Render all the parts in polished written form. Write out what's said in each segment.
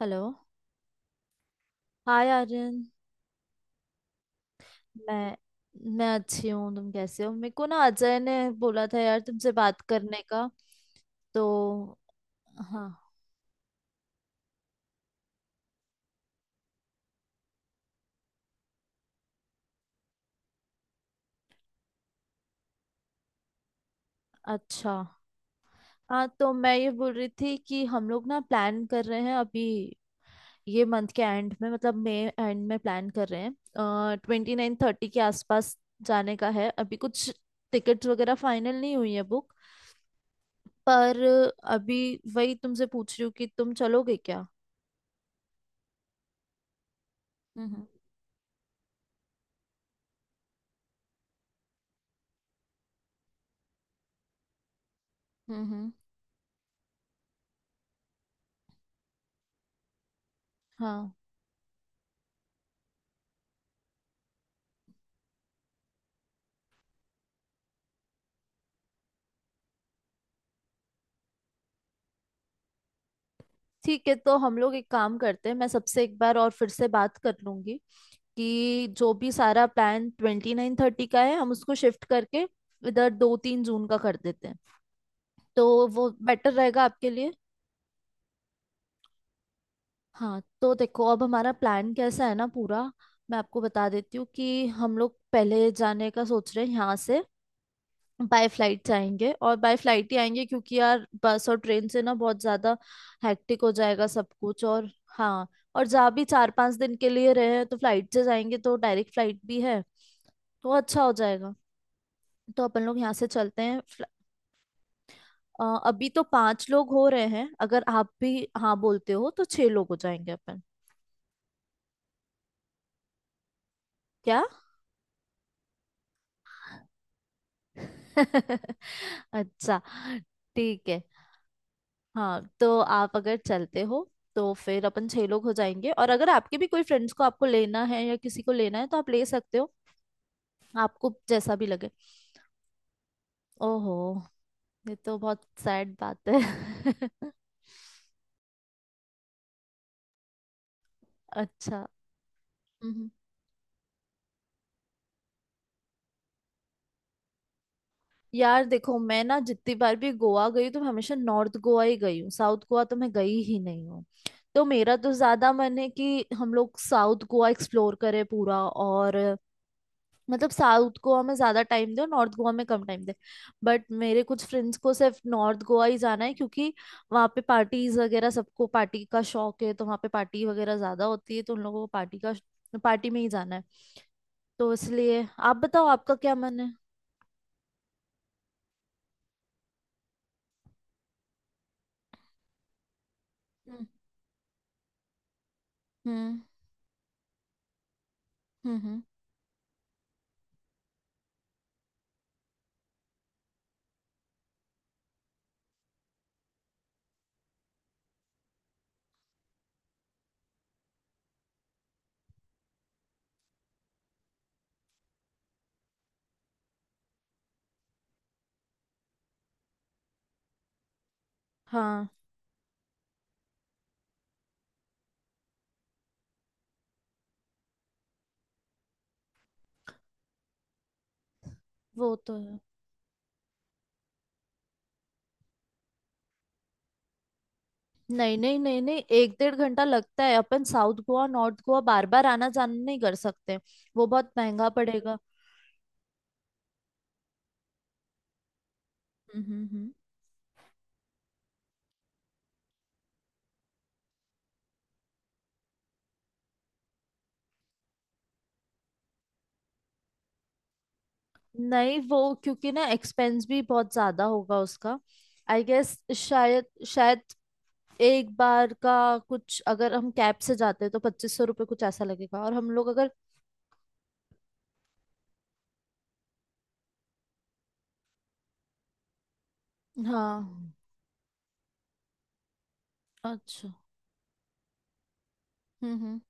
Hello. Hi Aryan. मैं मैं अच्छी हूँ, तुम कैसे हो? मेरे को ना अजय ने बोला था यार तुमसे बात करने का, तो हाँ। अच्छा, हाँ तो मैं ये बोल रही थी कि हम लोग ना प्लान कर रहे हैं अभी, ये मंथ के एंड में, मतलब मई एंड में प्लान कर रहे हैं 29 30 के आसपास जाने का है। अभी कुछ टिकट्स वगैरह फाइनल नहीं हुई है बुक, पर अभी वही तुमसे पूछ रही हूँ कि तुम चलोगे क्या। हम्म हम्म हम्म हम्म, हाँ। ठीक है, तो हम लोग एक काम करते हैं, मैं सबसे एक बार और फिर से बात कर लूंगी कि जो भी सारा प्लान 29 30 का है हम उसको शिफ्ट करके इधर 2 3 जून का कर देते हैं, तो वो बेटर रहेगा आपके लिए। हाँ, तो देखो अब हमारा प्लान कैसा है ना पूरा, मैं आपको बता देती हूँ कि हम लोग पहले जाने का सोच रहे हैं यहाँ से बाय फ्लाइट से आएंगे और बाय फ्लाइट ही आएंगे क्योंकि यार बस और ट्रेन से ना बहुत ज्यादा हैक्टिक हो जाएगा सब कुछ, और हाँ, और जहाँ भी 4 5 दिन के लिए रहे हैं तो फ्लाइट से जाएंगे, तो डायरेक्ट फ्लाइट भी है तो अच्छा हो जाएगा। तो अपन लोग यहाँ से चलते हैं अ, अभी तो पांच लोग हो रहे हैं, अगर आप भी हाँ बोलते हो तो छह लोग हो जाएंगे अपन। क्या? अच्छा। ठीक है, हाँ तो आप अगर चलते हो तो फिर अपन छह लोग हो जाएंगे, और अगर आपके भी कोई फ्रेंड्स को आपको लेना है या किसी को लेना है तो आप ले सकते हो, आपको जैसा भी लगे। ओहो, ये तो बहुत सैड बात है। अच्छा। हम्म। यार देखो, मैं ना जितनी बार भी गोवा गई तो मैं हमेशा नॉर्थ गोवा ही गई हूँ, साउथ गोवा तो मैं गई ही नहीं हूँ। तो मेरा तो ज्यादा मन है कि हम लोग साउथ गोवा एक्सप्लोर करें पूरा, और मतलब साउथ गोवा में ज्यादा टाइम दे और नॉर्थ गोवा में कम टाइम दे। बट मेरे कुछ फ्रेंड्स को सिर्फ नॉर्थ गोवा ही जाना है क्योंकि वहाँ पे पार्टीज वगैरह, सबको पार्टी का शौक है तो वहाँ पे पार्टी वगैरह ज्यादा होती है, तो उन लोगों को पार्टी का, पार्टी में ही जाना है। तो इसलिए आप बताओ आपका क्या मन है। हम्म हम्म हम्म हम्म, हाँ। वो तो है। नहीं नहीं नहीं नहीं, 1 1.5 घंटा लगता है, अपन साउथ गोवा नॉर्थ गोवा बार बार आना जाना नहीं कर सकते, वो बहुत महंगा पड़ेगा। हम्म हम्म हम्म। नहीं, वो क्योंकि ना एक्सपेंस भी बहुत ज्यादा होगा उसका, आई गेस, शायद शायद। एक बार का कुछ अगर हम कैब से जाते हैं तो 2500 रुपये कुछ ऐसा लगेगा, और हम लोग अगर... हाँ। अच्छा। हम्म।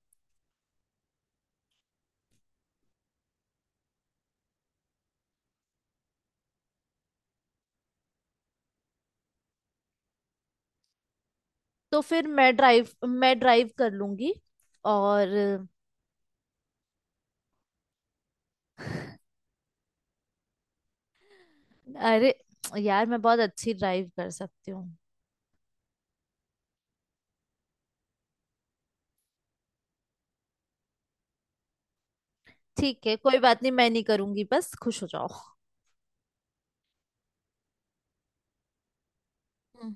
तो फिर मैं ड्राइव कर लूंगी। और अरे यार, मैं बहुत अच्छी ड्राइव कर सकती हूँ। ठीक है, कोई बात नहीं, मैं नहीं करूंगी, बस खुश हो जाओ। हम्म।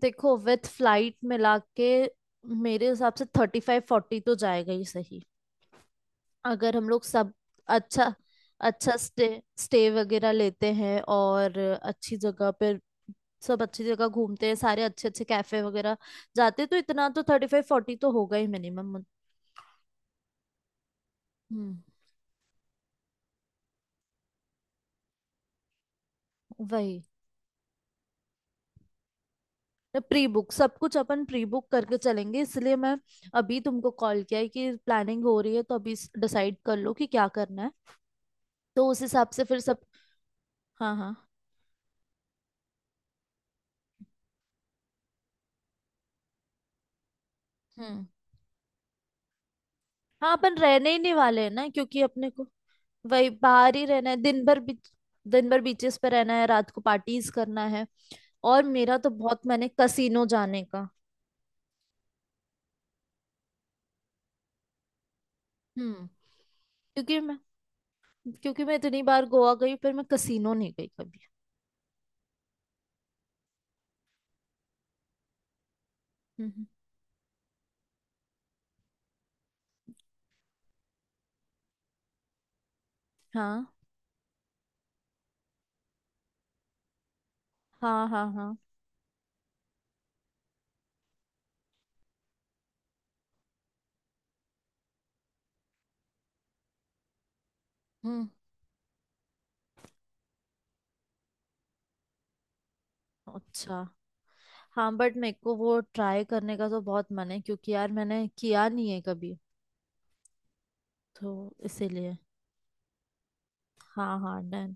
देखो विथ फ्लाइट मिला के, मेरे हिसाब से 35 40 तो जाएगा ही सही, अगर हम लोग सब अच्छा अच्छा स्टे स्टे वगैरह लेते हैं और अच्छी जगह पर सब अच्छी जगह घूमते हैं, सारे अच्छे अच्छे कैफे वगैरह जाते हैं, तो इतना तो 35 40 तो होगा ही, मिनिमम। हम्म। वही। प्री बुक, सब कुछ अपन प्री बुक करके चलेंगे, इसलिए मैं अभी तुमको कॉल किया है कि प्लानिंग हो रही है, तो अभी डिसाइड कर लो कि क्या करना है, तो उस हिसाब से फिर सब। हाँ हाँ। हम्म। हाँ, अपन रहने ही नहीं वाले हैं ना, क्योंकि अपने को वही बाहर ही रहना है, दिन भर बीच, दिन भर बीचेस पे रहना है, रात को पार्टीज करना है। और मेरा तो बहुत मन है कसीनो जाने का। हम्म। क्योंकि मैं क्योंकि मैं इतनी बार गोवा गई पर मैं कसीनो नहीं गई कभी। हम्म। हाँ हाँ हाँ। हाँ। हम्म। अच्छा। हाँ बट मेरे को वो ट्राई करने का तो बहुत मन है क्योंकि यार मैंने किया नहीं है कभी, तो इसीलिए। हाँ हाँ, डन।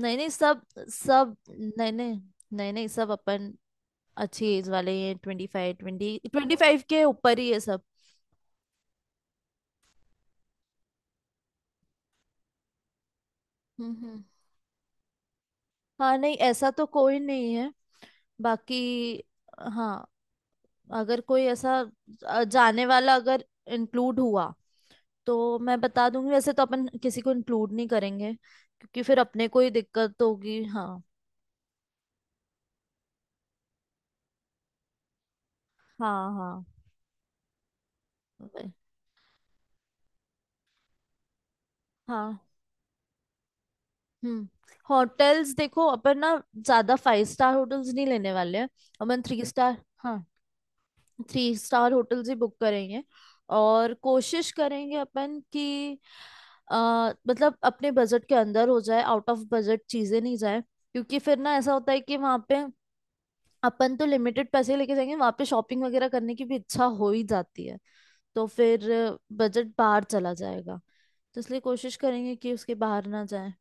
नहीं नहीं सब, सब नहीं नहीं, नहीं नहीं सब अपन अच्छी एज वाले हैं, 25, 20 25 के ऊपर ही है सब। हम्म। हाँ नहीं, ऐसा तो कोई नहीं है। बाकी, हाँ अगर कोई ऐसा जाने वाला अगर इंक्लूड हुआ तो मैं बता दूंगी, वैसे तो अपन किसी को इंक्लूड नहीं करेंगे क्योंकि फिर अपने को ही दिक्कत होगी, हाँ। हाँ हाँ। वे- हाँ। हम्म। होटल्स देखो, अपन ना ज्यादा फाइव स्टार होटल्स नहीं लेने वाले हैं, अपन three star, three star hotels ही बुक करेंगे। और कोशिश करेंगे अपन कि मतलब अपने बजट के अंदर हो जाए, आउट ऑफ बजट चीजें नहीं जाए, क्योंकि फिर ना ऐसा होता है कि वहां पे अपन तो लिमिटेड पैसे लेके जाएंगे, वहां पे शॉपिंग वगैरह करने की भी इच्छा हो ही जाती है, तो फिर बजट बाहर चला जाएगा, तो इसलिए कोशिश करेंगे कि उसके बाहर ना जाए।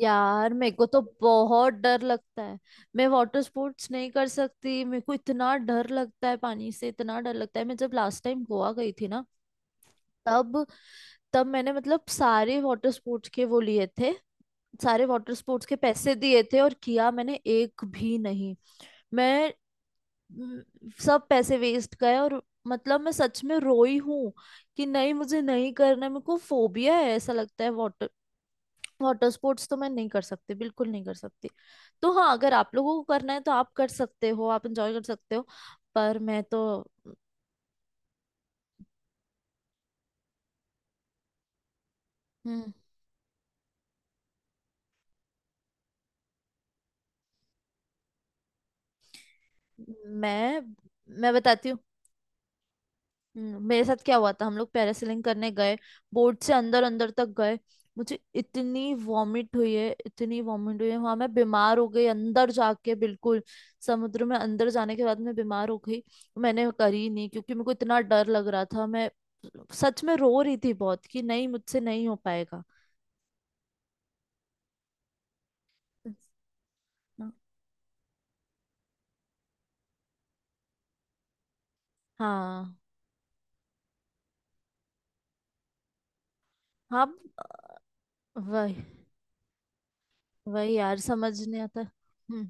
यार मेरे को तो बहुत डर लगता है, मैं वाटर स्पोर्ट्स नहीं कर सकती, मेरे को इतना डर लगता है, पानी से इतना डर लगता है। मैं जब लास्ट टाइम गोवा गई थी ना, तब तब मैंने मतलब सारे वाटर स्पोर्ट्स के वो लिए थे, सारे वाटर स्पोर्ट्स के पैसे दिए थे, और किया मैंने एक भी नहीं। मैं म, सब पैसे वेस्ट गए, और मतलब मैं सच में रोई हूँ कि नहीं मुझे नहीं करना है। मेरे को फोबिया है ऐसा लगता है, वाटर वाटर स्पोर्ट्स तो मैं नहीं कर सकती, बिल्कुल नहीं कर सकती। तो हाँ, अगर आप लोगों को करना है तो आप कर सकते हो, आप एंजॉय कर सकते हो, पर मैं तो... हम्म। मैं मैं बताती हूँ। मेरे साथ क्या हुआ था, हम लोग पैरासेलिंग करने गए, बोर्ड से अंदर अंदर तक गए, मुझे इतनी वॉमिट हुई है, इतनी वॉमिट हुई है वहां, मैं बीमार हो गई अंदर जाके, बिल्कुल समुद्र में अंदर जाने के बाद मैं बीमार हो गई। मैंने करी नहीं क्योंकि मेरे को इतना डर लग रहा था, मैं सच में रो रही थी बहुत कि नहीं मुझसे नहीं हो पाएगा। अच्छा। हाँ हाँ। वही वही यार, समझ नहीं आता। हम्म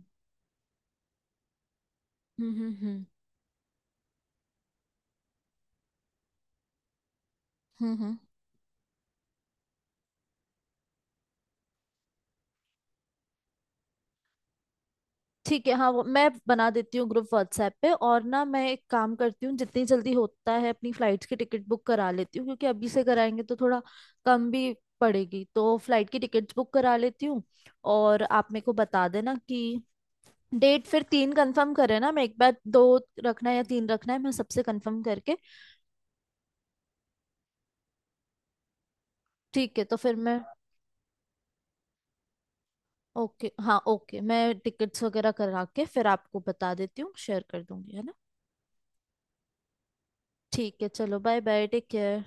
हम्म हम्म हम्म हम्म हम्म। ठीक है, हाँ वो मैं बना देती हूँ ग्रुप व्हाट्सएप पे, और ना मैं एक काम करती हूँ, जितनी जल्दी होता है अपनी फ्लाइट्स की टिकट बुक करा लेती हूँ, क्योंकि अभी से कराएंगे तो थोड़ा कम भी पड़ेगी, तो फ्लाइट की टिकट्स बुक करा लेती हूँ। और आप मेरे को बता देना कि डेट, फिर तीन कंफर्म करें ना, मैं एक बार, दो रखना है या तीन रखना है, मैं सबसे कंफर्म करके। ठीक है, तो फिर मैं... ओके, हाँ ओके, मैं टिकट्स वगैरह करा के फिर आपको बता देती हूँ, शेयर कर दूंगी, है ना। ठीक है, चलो बाय बाय, टेक केयर।